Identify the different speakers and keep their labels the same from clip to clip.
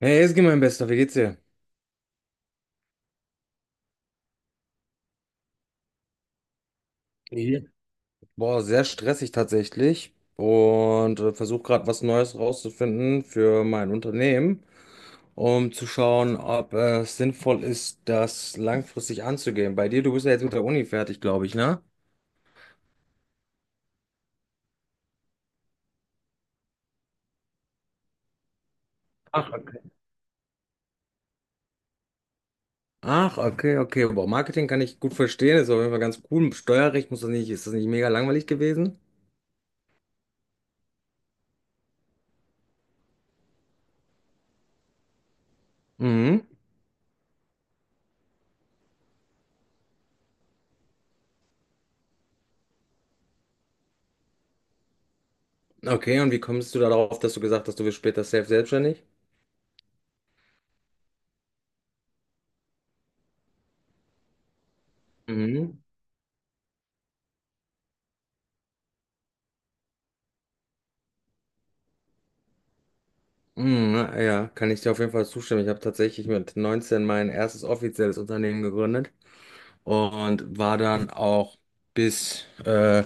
Speaker 1: Hey, Ezgi, mein Bester, wie geht's dir? Ja. Boah, sehr stressig tatsächlich und versuche gerade was Neues rauszufinden für mein Unternehmen, um zu schauen, ob es sinnvoll ist, das langfristig anzugehen. Bei dir, du bist ja jetzt mit der Uni fertig, glaube ich, ne? Ach, okay. Ach, okay, okay. Boah, Marketing kann ich gut verstehen, ist auf jeden Fall ganz cool. Steuerrecht muss das nicht, ist das nicht mega langweilig gewesen? Mhm. Okay, und wie kommst du darauf, dass du gesagt hast, du wirst später safe selbstständig? Mhm. Mhm, ja, kann ich dir auf jeden Fall zustimmen. Ich habe tatsächlich mit 19 mein erstes offizielles Unternehmen gegründet und war dann auch bis,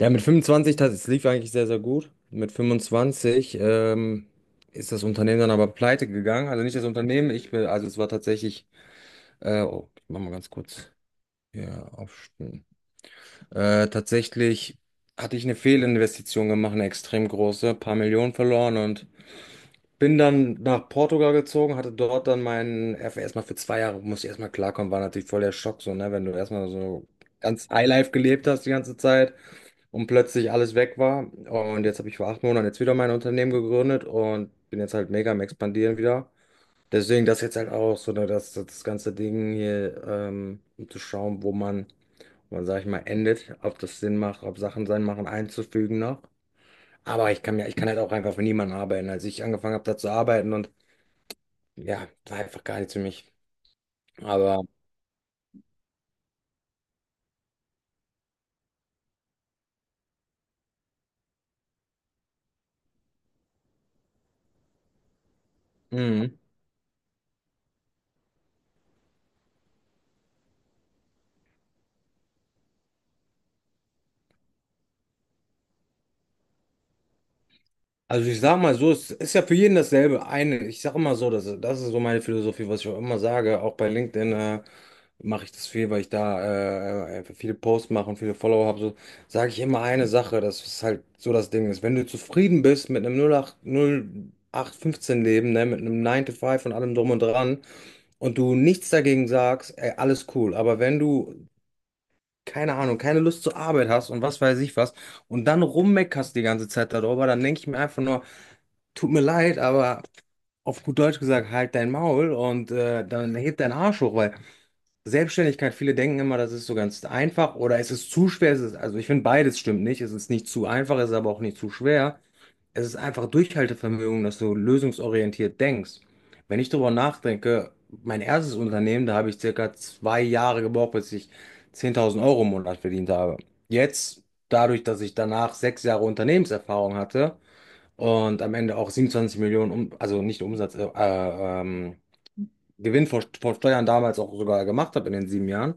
Speaker 1: ja, mit 25, das es lief eigentlich sehr, sehr gut. Mit 25 ist das Unternehmen dann aber pleite gegangen. Also nicht das Unternehmen, ich bin, also es war tatsächlich, oh, ich mach mal ganz kurz hier aufstehen. Tatsächlich hatte ich eine Fehlinvestition gemacht, eine extrem große, paar Millionen verloren und bin dann nach Portugal gezogen, hatte dort dann meinen FA erstmal für 2 Jahre, musste ich erstmal klarkommen, war natürlich voll der Schock, so, ne, wenn du erstmal so ganz Highlife gelebt hast die ganze Zeit und plötzlich alles weg war. Und jetzt habe ich vor 8 Monaten jetzt wieder mein Unternehmen gegründet und bin jetzt halt mega am Expandieren wieder. Deswegen das jetzt halt auch so, ne, das ganze Ding hier, um zu schauen, wo man, sag ich mal, endet, ob das Sinn macht, ob Sachen Sinn machen, einzufügen noch. Aber ich kann mir, ich kann halt auch einfach für niemanden arbeiten. Als ich angefangen habe, da zu arbeiten und ja, war einfach gar nichts für mich. Aber, mhm. Also ich sag mal so, es ist ja für jeden dasselbe. Eine, ich sag immer so, das ist so meine Philosophie, was ich auch immer sage. Auch bei LinkedIn mache ich das viel, weil ich da einfach viele Posts mache und viele Follower habe. So sage ich immer eine Sache, das ist halt so das Ding ist. Wenn du zufrieden bist mit einem 08, 0815 Leben, ne, mit einem 9 to 5 und allem drum und dran und du nichts dagegen sagst, ey, alles cool. Aber wenn du keine Ahnung, keine Lust zur Arbeit hast und was weiß ich was und dann rummeckerst die ganze Zeit darüber, dann denke ich mir einfach nur, tut mir leid, aber auf gut Deutsch gesagt, halt dein Maul und dann hebt dein Arsch hoch, weil Selbstständigkeit, viele denken immer, das ist so ganz einfach oder es ist zu schwer, es ist, also ich finde beides stimmt nicht, es ist nicht zu einfach, es ist aber auch nicht zu schwer, es ist einfach Durchhaltevermögen, dass du lösungsorientiert denkst. Wenn ich darüber nachdenke, mein erstes Unternehmen, da habe ich circa 2 Jahre gebraucht, bis ich 10.000 Euro im Monat verdient habe. Jetzt, dadurch, dass ich danach 6 Jahre Unternehmenserfahrung hatte und am Ende auch 27 Millionen, um, also nicht Umsatz, Gewinn vor Steuern damals auch sogar gemacht habe in den 7 Jahren,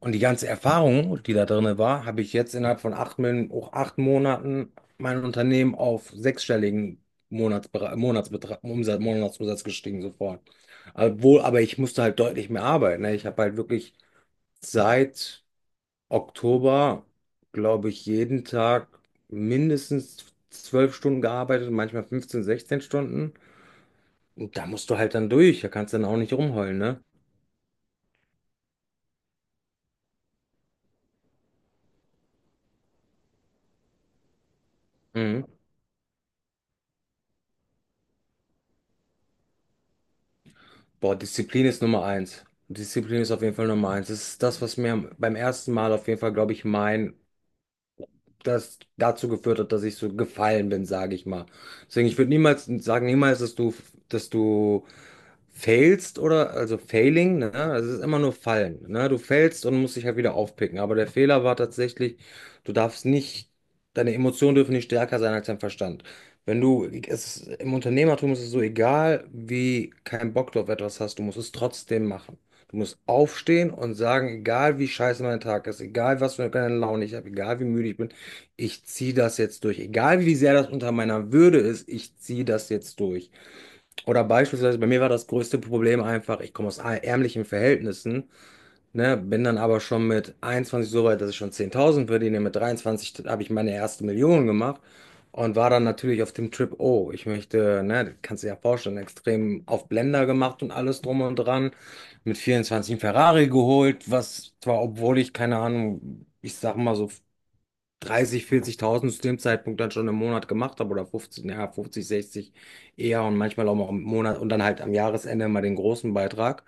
Speaker 1: und die ganze Erfahrung, die da drin war, habe ich jetzt innerhalb von auch 8 Monaten mein Unternehmen auf sechsstelligen Monatsbetrag, Umsatz, Monatsumsatz gestiegen sofort. Obwohl, aber ich musste halt deutlich mehr arbeiten. Ne? Ich habe halt wirklich seit Oktober, glaube ich, jeden Tag mindestens 12 Stunden gearbeitet, manchmal 15, 16 Stunden. Und da musst du halt dann durch. Da kannst du dann auch nicht rumheulen, ne? Mhm. Boah, Disziplin ist Nummer eins. Disziplin ist auf jeden Fall Nummer eins. Das ist das, was mir beim ersten Mal auf jeden Fall, glaube ich, mein das dazu geführt hat, dass ich so gefallen bin, sage ich mal. Deswegen, ich würde niemals sagen, niemals, dass du failst oder, also failing, ne? Also es ist immer nur fallen, ne? Du fällst und musst dich halt wieder aufpicken. Aber der Fehler war tatsächlich, du darfst nicht, deine Emotionen dürfen nicht stärker sein als dein Verstand. Wenn du, es ist, im Unternehmertum ist es so egal, wie keinen Bock du auf etwas hast, du musst es trotzdem machen. Du musst aufstehen und sagen, egal wie scheiße mein Tag ist, egal was für eine Laune ich habe, egal wie müde ich bin, ich ziehe das jetzt durch. Egal wie sehr das unter meiner Würde ist, ich ziehe das jetzt durch. Oder beispielsweise, bei mir war das größte Problem einfach, ich komme aus ärmlichen Verhältnissen, ne, bin dann aber schon mit 21 so weit, dass ich schon 10.000 verdiene. Mit 23 habe ich meine erste Million gemacht und war dann natürlich auf dem Trip, oh, ich möchte, ne, kannst du dir ja vorstellen, extrem auf Blender gemacht und alles drum und dran. Mit 24 einen Ferrari geholt, was zwar, obwohl ich keine Ahnung, ich sag mal so 30, 40.000 zu dem Zeitpunkt dann schon im Monat gemacht habe oder 50, ja, 50, 60 eher und manchmal auch mal im Monat und dann halt am Jahresende mal den großen Beitrag,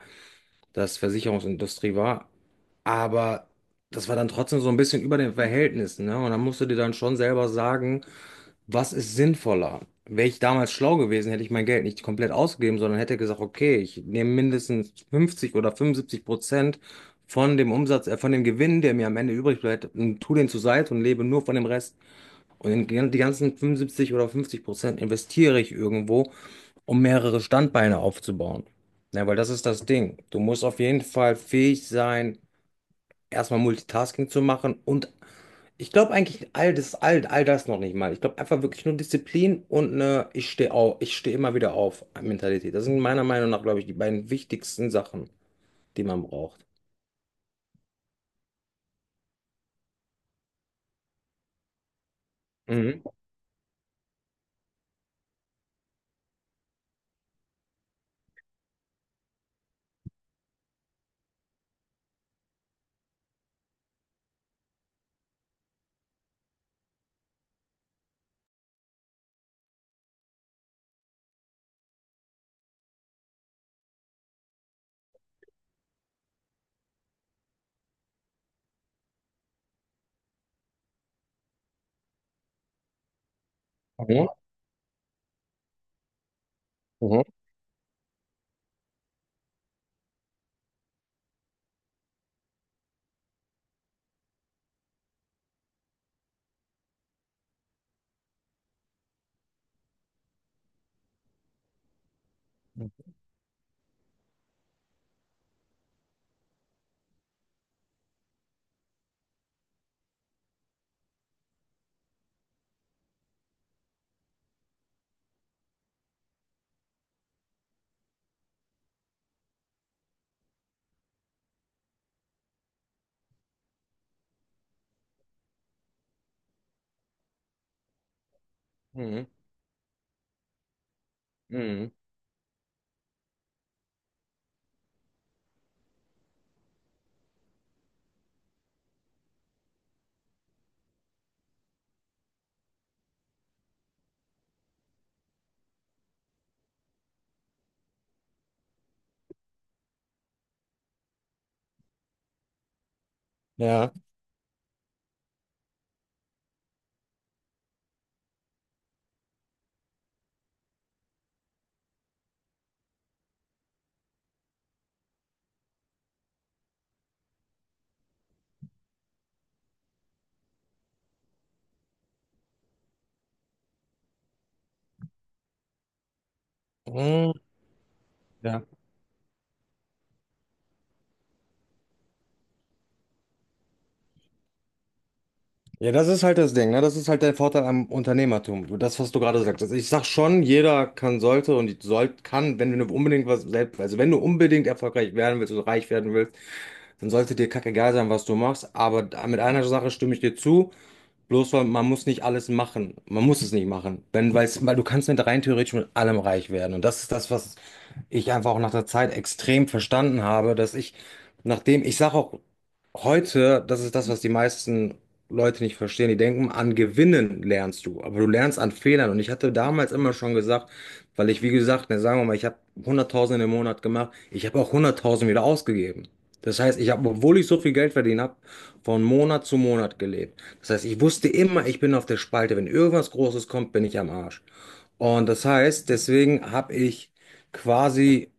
Speaker 1: das Versicherungsindustrie war. Aber das war dann trotzdem so ein bisschen über den Verhältnissen, ne? Und dann musst du dir dann schon selber sagen, was ist sinnvoller? Wäre ich damals schlau gewesen, hätte ich mein Geld nicht komplett ausgegeben, sondern hätte gesagt, okay, ich nehme mindestens 50 oder 75% von dem Umsatz, von dem Gewinn, der mir am Ende übrig bleibt, und tu den zur Seite und lebe nur von dem Rest. Und die ganzen 75 oder 50% investiere ich irgendwo, um mehrere Standbeine aufzubauen. Ja, weil das ist das Ding. Du musst auf jeden Fall fähig sein, erstmal Multitasking zu machen und ich glaube eigentlich all das, all das noch nicht mal. Ich glaube einfach wirklich nur Disziplin und eine ich stehe auf, ich stehe immer wieder auf Mentalität. Das sind meiner Meinung nach, glaube ich, die beiden wichtigsten Sachen, die man braucht. Mhm. Mhm. Mhm. Mhm. Mhm. Ja. Mhm. Ja. Ja, das ist halt das Ding, ne? Das ist halt der Vorteil am Unternehmertum. Das, was du gerade sagst. Also ich sag schon, jeder kann, sollte und soll, kann, wenn du unbedingt was selbst, also wenn du unbedingt erfolgreich werden willst und reich werden willst, dann sollte dir kackegal sein, was du machst. Aber mit einer Sache stimme ich dir zu. Bloß weil man muss nicht alles machen. Man muss es nicht machen. Wenn, weil's, weil du kannst mit rein theoretisch mit allem reich werden. Und das ist das, was ich einfach auch nach der Zeit extrem verstanden habe, dass ich, nachdem, ich sage auch heute, das ist das, was die meisten Leute nicht verstehen. Die denken, an Gewinnen lernst du, aber du lernst an Fehlern. Und ich hatte damals immer schon gesagt, weil ich, wie gesagt, ne, sagen wir mal, ich habe 100.000 im Monat gemacht, ich habe auch 100.000 wieder ausgegeben. Das heißt, ich habe, obwohl ich so viel Geld verdient habe, von Monat zu Monat gelebt. Das heißt, ich wusste immer, ich bin auf der Spalte. Wenn irgendwas Großes kommt, bin ich am Arsch. Und das heißt, deswegen habe ich quasi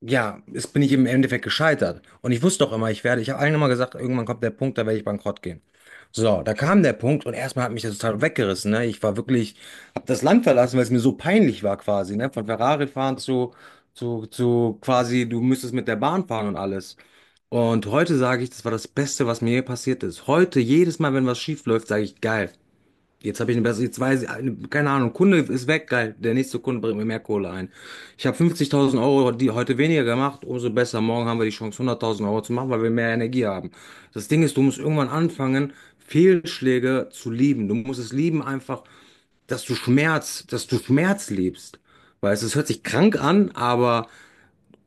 Speaker 1: ja, es bin ich im Endeffekt gescheitert. Und ich wusste doch immer, ich werde, ich habe allen immer gesagt, irgendwann kommt der Punkt, da werde ich bankrott gehen. So, da kam der Punkt und erstmal hat mich das total weggerissen. Ne? Ich war wirklich, habe das Land verlassen, weil es mir so peinlich war quasi. Ne? Von Ferrari fahren zu, zu quasi, du müsstest mit der Bahn fahren und alles. Und heute sage ich, das war das Beste, was mir je passiert ist. Heute, jedes Mal, wenn was schief läuft, sage ich, geil. Jetzt habe ich eine bessere, jetzt weiß ich, keine Ahnung, Kunde ist weg, geil. Der nächste Kunde bringt mir mehr Kohle ein. Ich habe 50.000 Euro die heute weniger gemacht, umso besser. Morgen haben wir die Chance, 100.000 Euro zu machen, weil wir mehr Energie haben. Das Ding ist, du musst irgendwann anfangen, Fehlschläge zu lieben. Du musst es lieben, einfach, dass du Schmerz lebst. Weißt du, es hört sich krank an, aber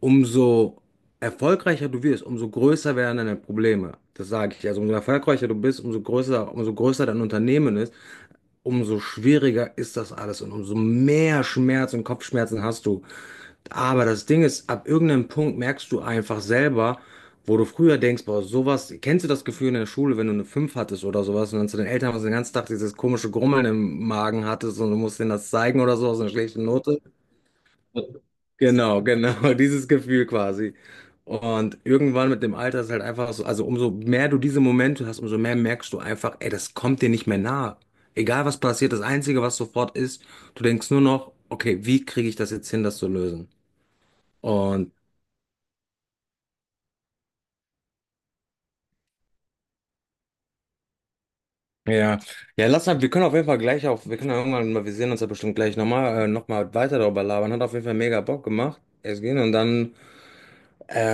Speaker 1: umso erfolgreicher du wirst, umso größer werden deine Probleme. Das sage ich. Also umso erfolgreicher du bist, umso größer dein Unternehmen ist, umso schwieriger ist das alles und umso mehr Schmerz und Kopfschmerzen hast du. Aber das Ding ist, ab irgendeinem Punkt merkst du einfach selber, wo du früher denkst, boah, sowas, kennst du das Gefühl in der Schule, wenn du eine 5 hattest oder sowas und dann zu den Eltern warst und den ganzen Tag dieses komische Grummeln im Magen hattest und du musst denen das zeigen oder so aus einer schlechten Note? Genau, genau, dieses Gefühl quasi. Und irgendwann mit dem Alter ist halt einfach so, also umso mehr du diese Momente hast, umso mehr merkst du einfach, ey, das kommt dir nicht mehr nahe. Egal was passiert, das Einzige, was sofort ist, du denkst nur noch, okay, wie kriege ich das jetzt hin, das zu lösen? Und ja, ja, lass mal, wir können auf jeden Fall gleich auf, wir können ja irgendwann mal, wir sehen uns ja bestimmt gleich nochmal, nochmal weiter darüber labern. Hat auf jeden Fall mega Bock gemacht. Es gehen und dann äh,